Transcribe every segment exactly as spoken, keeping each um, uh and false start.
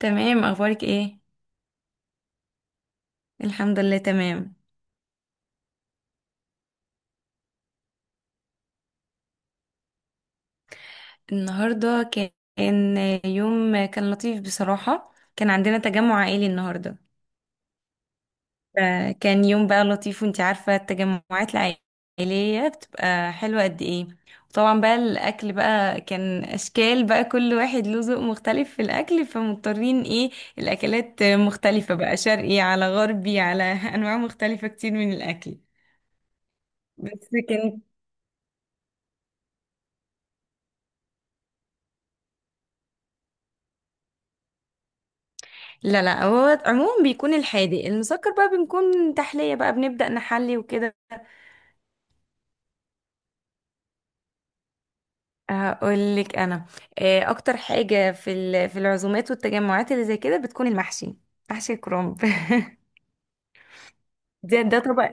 تمام. اخبارك ايه؟ الحمد لله، تمام. النهارده كان يوم كان لطيف بصراحه، كان عندنا تجمع عائلي النهارده. فكان يوم بقى لطيف، وانتي عارفه التجمعات العائليه بتبقى حلوه قد ايه. وطبعا بقى الاكل بقى كان اشكال بقى، كل واحد له ذوق مختلف في الاكل فمضطرين ايه الاكلات مختلفه بقى، شرقي على غربي على انواع مختلفه كتير من الاكل. بس كانت. لا لا، هو عموما بيكون الحادق المسكر بقى بنكون تحلية بقى بنبدأ نحلي وكده. هقول لك انا، آه، اكتر حاجة في ال- في العزومات والتجمعات اللي زي كده بتكون المحشي، محشي الكرنب. ده ده طبق،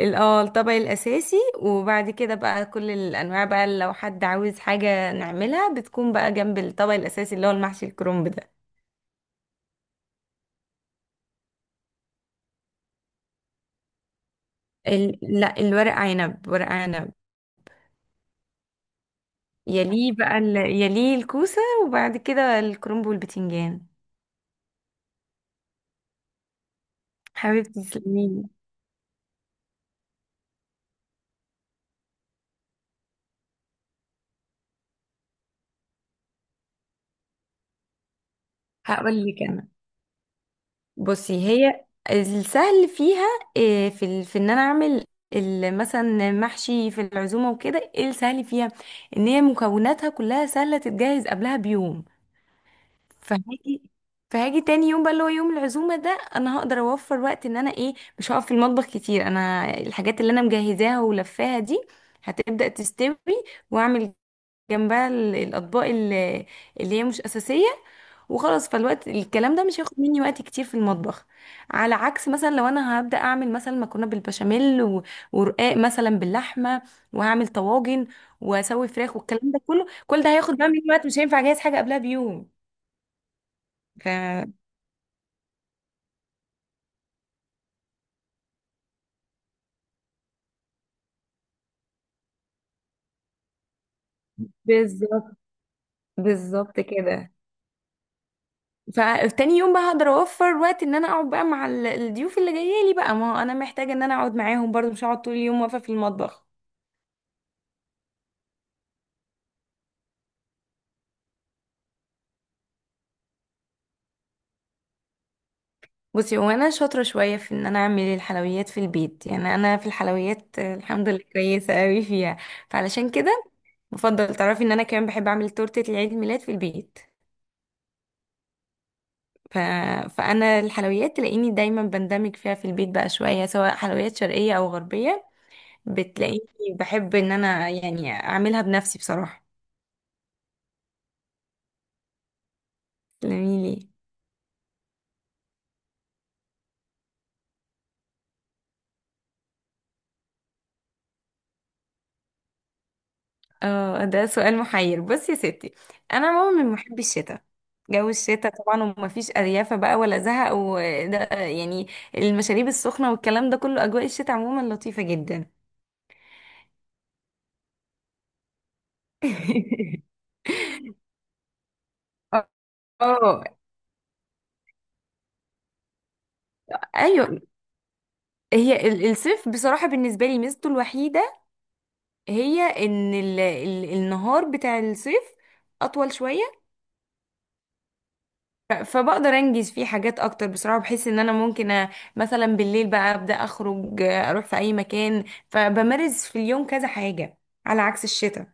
ال- اه الطبق الاساسي، وبعد كده بقى كل الانواع بقى لو حد عاوز حاجة نعملها بتكون بقى جنب الطبق الاساسي اللي هو المحشي الكرنب ده. ال... لا، الورق عنب، ورق عنب. يليه بقى ال... يليه الكوسة، وبعد كده الكرنب والبتنجان. حبيبتي تسلميلي. هقول لك انا، بصي هي السهل فيها إيه، في ال... في ان انا اعمل ال- مثلا محشي في العزومه وكده. ايه السهل فيها؟ ان هي مكوناتها كلها سهله تتجهز قبلها بيوم. فهاجي فهاجي تاني يوم بقى اللي هو يوم العزومه ده، انا هقدر اوفر وقت ان انا ايه مش هقف في المطبخ كتير. انا الحاجات اللي انا مجهزاها ولفاها دي هتبدأ تستوي، واعمل جنبها ال- الاطباق اللي, اللي هي مش اساسيه، وخلاص. فالوقت الكلام ده مش هياخد مني وقت كتير في المطبخ، على عكس مثلا لو انا هبدا اعمل مثلا مكرونه بالبشاميل و- ورقاق مثلا باللحمه، وهعمل طواجن واسوي فراخ والكلام ده كله. كل ده هياخد بقى مني وقت مش هينفع اجهز حاجه قبلها بيوم. ف بالظبط. بالظبط كده. فتاني يوم بقى هقدر اوفر وقت ان انا اقعد بقى مع ال- الضيوف اللي جايه لي بقى، ما هو انا محتاجه ان انا اقعد معاهم برضو مش هقعد طول اليوم واقفه في المطبخ. بصي هو انا شاطره شويه في ان انا اعمل الحلويات في البيت. يعني انا في الحلويات، آه، الحمد لله كويسه قوي فيها. فعلشان كده بفضل تعرفي ان انا كمان بحب اعمل تورته العيد الميلاد في البيت. ف... فانا الحلويات تلاقيني دايما بندمج فيها في البيت بقى شويه، سواء حلويات شرقيه او غربيه. بتلاقيني بحب ان انا يعني اعملي لي ليه. اه، ده سؤال محير. بصي يا ستي، انا عموما من محبي الشتاء. جو الشتاء طبعا، ومفيش اريافه بقى ولا زهق وده يعني، المشاريب السخنه والكلام ده كله، اجواء الشتاء عموما لطيفه جدا. اه، ايوه. هي ال- الصيف بصراحه بالنسبه لي ميزته الوحيده هي ان ال ال النهار بتاع الصيف اطول شويه. ف- فبقدر انجز فيه حاجات اكتر، بصراحه بحس ان انا ممكن أ- مثلا بالليل بقى ابدا اخرج، آه، اروح في اي مكان فبمارس في اليوم كذا حاجه، على عكس الشتاء.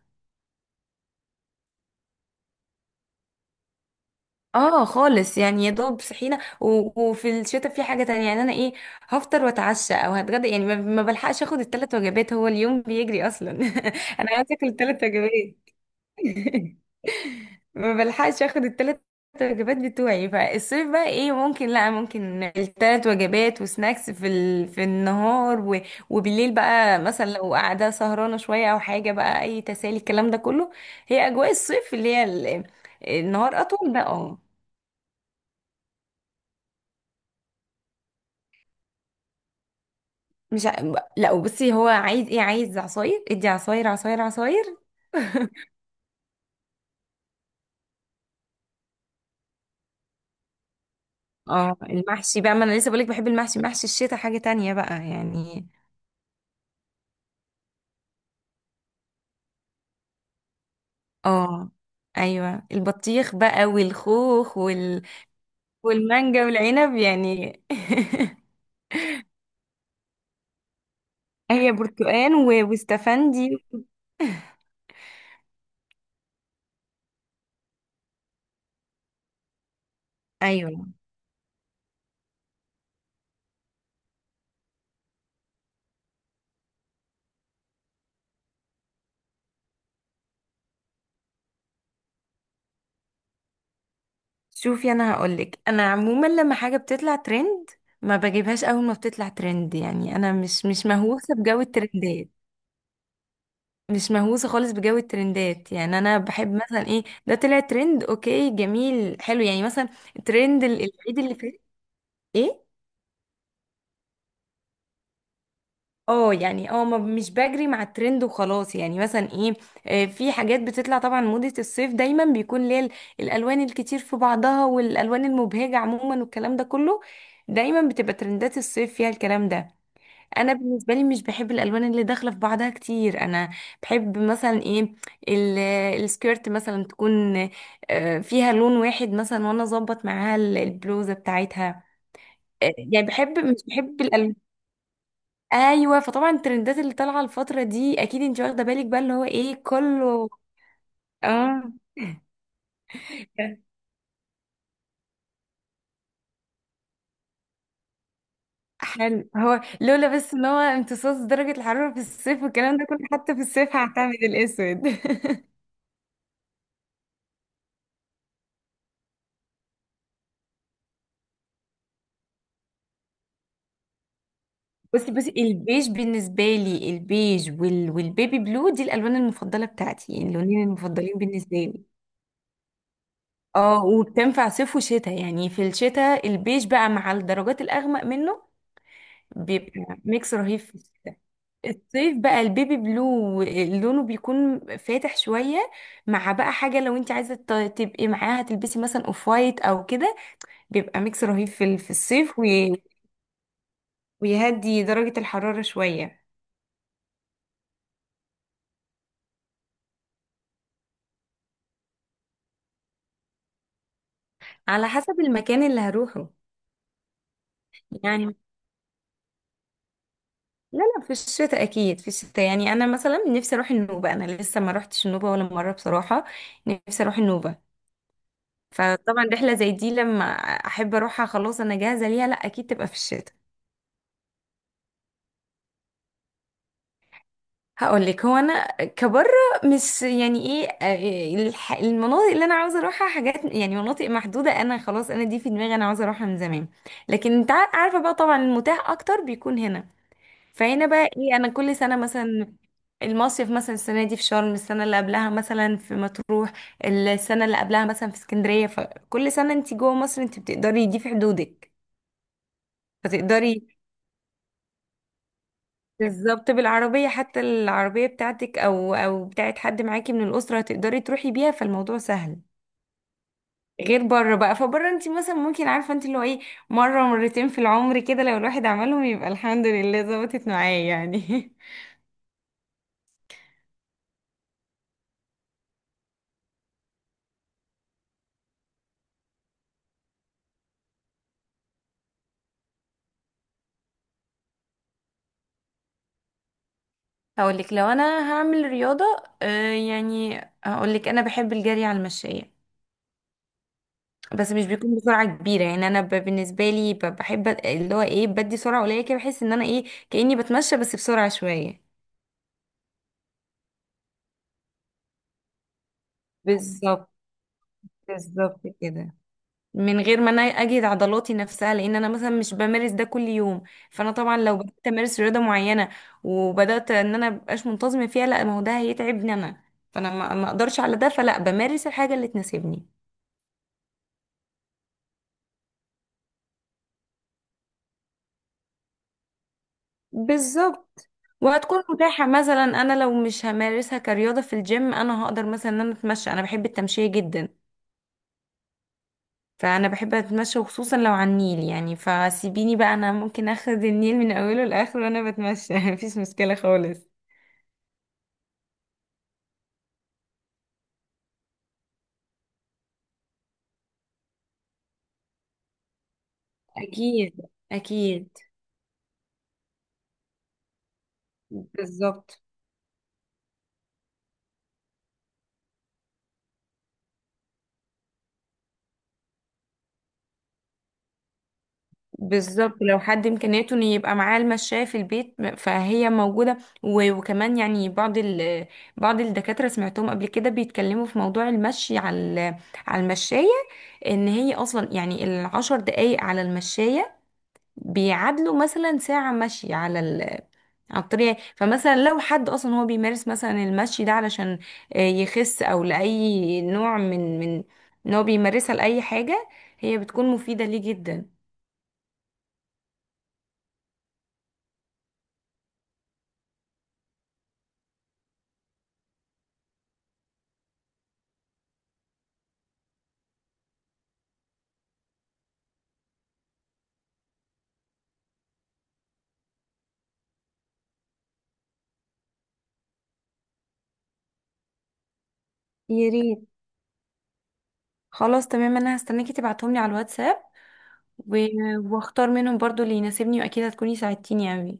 اه خالص، يعني يا دوب صحينا و- وفي الشتاء في حاجه تانية يعني انا ايه هفطر واتعشى او هتغدى. يعني ما ما بلحقش اخد الثلاث وجبات، هو اليوم بيجري اصلا. انا عايزه اكل الثلاث وجبات. ما بلحقش اخد التلات وجبات بتوعي. فالصيف بقى ايه ممكن، لا ممكن التلات وجبات وسناكس في ال... في النهار و... وبالليل بقى مثلا لو قاعده سهرانه شويه او حاجه بقى اي تسالي الكلام ده كله. هي اجواء الصيف اللي هي ال... النهار اطول ده. اه. مش ع... لا، وبصي هو عايز ايه؟ عايز عصاير، ادي عصاير، عصاير، عصاير. اه، المحشي بقى، ما انا لسه بقولك بحب المحشي. محشي الشتاء حاجه تانية بقى يعني. اه، ايوه، البطيخ بقى والخوخ وال... والمانجا والعنب يعني. هي برتقان و... واستفندي. ايوه. شوفي، انا هقولك انا عموما لما حاجه بتطلع ترند ما بجيبهاش اول ما بتطلع ترند. يعني انا مش مش مهووسه بجو الترندات. مش مهووسه خالص بجو الترندات، يعني انا بحب مثلا ايه ده طلع ترند، اوكي جميل حلو، يعني مثلا ترند ال- العيد اللي فات. ايه اه يعني اه ما- مش بجري مع الترند وخلاص. يعني مثلا ايه، آه، في حاجات بتطلع طبعا، موضة الصيف دايما بيكون ليه ال- الالوان الكتير في بعضها والالوان المبهجة عموما والكلام ده كله، دايما بتبقى ترندات الصيف فيها الكلام ده. انا بالنسبة لي مش بحب الالوان اللي داخلة في بعضها كتير. انا بحب مثلا ايه ال- السكيرت مثلا تكون، آه، فيها لون واحد مثلا وانا اظبط معاها ال- البلوزة بتاعتها. آه، يعني بحب مش بحب الالوان. ايوه، فطبعا الترندات اللي طالعه الفتره دي اكيد انت واخده بالك بقى اللي هو ايه كله. اه حلو، هو لولا بس ان هو امتصاص درجه الحراره في الصيف والكلام ده كله، حتى في الصيف هعتمد الاسود. بصي بصي، البيج بالنسبه لي، البيج وال... والبيبي بلو دي الالوان المفضله بتاعتي يعني، اللونين المفضلين بالنسبه لي. اه، وبتنفع صيف وشتاء. يعني في الشتاء البيج بقى مع الدرجات الاغمق منه بيبقى ميكس رهيب في الشتاء. الصيف بقى البيبي بلو لونه بيكون فاتح شوية، مع بقى حاجة لو انت عايزة ت- تبقي معاها تلبسي مثلا اوف وايت او كده، بيبقى ميكس رهيب في ال- في الصيف وي- ويهدي درجة الحرارة شوية. على حسب المكان اللي هروحه يعني. لا لا، في الشتاء، اكيد في الشتاء. يعني انا مثلا نفسي اروح النوبة، انا لسه ما روحتش النوبة ولا مرة بصراحة، نفسي اروح النوبة. فطبعا رحلة زي دي لما احب اروحها خلاص انا جاهزة ليها، لا اكيد تبقى في الشتاء. هقول لك هو انا كبره مش يعني ايه، آه، الح- المناطق اللي انا عاوزه اروحها حاجات يعني، مناطق محدوده انا خلاص انا دي في دماغي انا عاوزه اروحها من زمان. لكن انت عار- عارفه بقى طبعا المتاح اكتر بيكون هنا. فهنا بقى ايه انا كل سنه مثلا المصيف، مثلا السنه دي في شرم، السنه اللي قبلها مثلا في مطروح، السنه اللي قبلها مثلا في اسكندريه. فكل سنه انت جوه مصر انت بتقدري دي في حدودك فتقدري. بالظبط، بالعربية حتى، العربية بتاعتك او او بتاعت حد معاكي من الأسرة هتقدري تروحي بيها فالموضوع سهل. غير بره بقى، فبره انت مثلا ممكن عارفة انت اللي هو ايه، مرة مرتين في العمر كده لو الواحد عملهم يبقى الحمد لله ظبطت معاه يعني. هقولك لو انا هعمل رياضة، آه يعني هقولك انا بحب الجري على المشاية. بس مش بيكون بسرعة كبيرة، يعني انا ب- بالنسبة لي ب- بحب اللي هو ايه بدي سرعة قليلة كده، بحس ان انا ايه كأني بتمشى بس بسرعة شوية. بالظبط. بالظبط كده، من غير ما انا اجهد عضلاتي نفسها، لان انا مثلا مش بمارس ده كل يوم. فانا طبعا لو بدات امارس رياضه معينه وبدات ان انا مبقاش منتظمه فيها، لا ما هو ده هيتعبني انا. فانا ما ما اقدرش على ده، فلا بمارس الحاجه اللي تناسبني. بالظبط. وهتكون متاحه، مثلا انا لو مش همارسها كرياضه في الجيم انا هقدر مثلا ان انا اتمشى، انا بحب التمشيه جدا. فانا بحب اتمشى، وخصوصا لو على النيل يعني، فسيبيني بقى انا ممكن اخد النيل من اوله لاخره وانا بتمشى. مفيش مشكله خالص. اكيد، اكيد. بالظبط. بالظبط، لو حد امكانياته ان يبقى معاه المشاية في البيت م- فهي موجودة، و- وكمان يعني بعض ال... بعض الدكاترة سمعتهم قبل كده بيتكلموا في موضوع المشي على ال- على المشاية، ان هي اصلا يعني العشر دقايق على المشاية بيعادلوا مثلا ساعة مشي على على الطريق. فمثلا لو حد اصلا هو بيمارس مثلا المشي ده علشان آه، يخس او لاي نوع من من ان هو بيمارسها لاي حاجه هي بتكون مفيده ليه جدا. يا ريت، خلاص تمام. انا هستناكي تبعتهم لي على الواتساب و- واختار منهم برضو اللي يناسبني، واكيد هتكوني ساعدتيني اوي.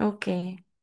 اوكي.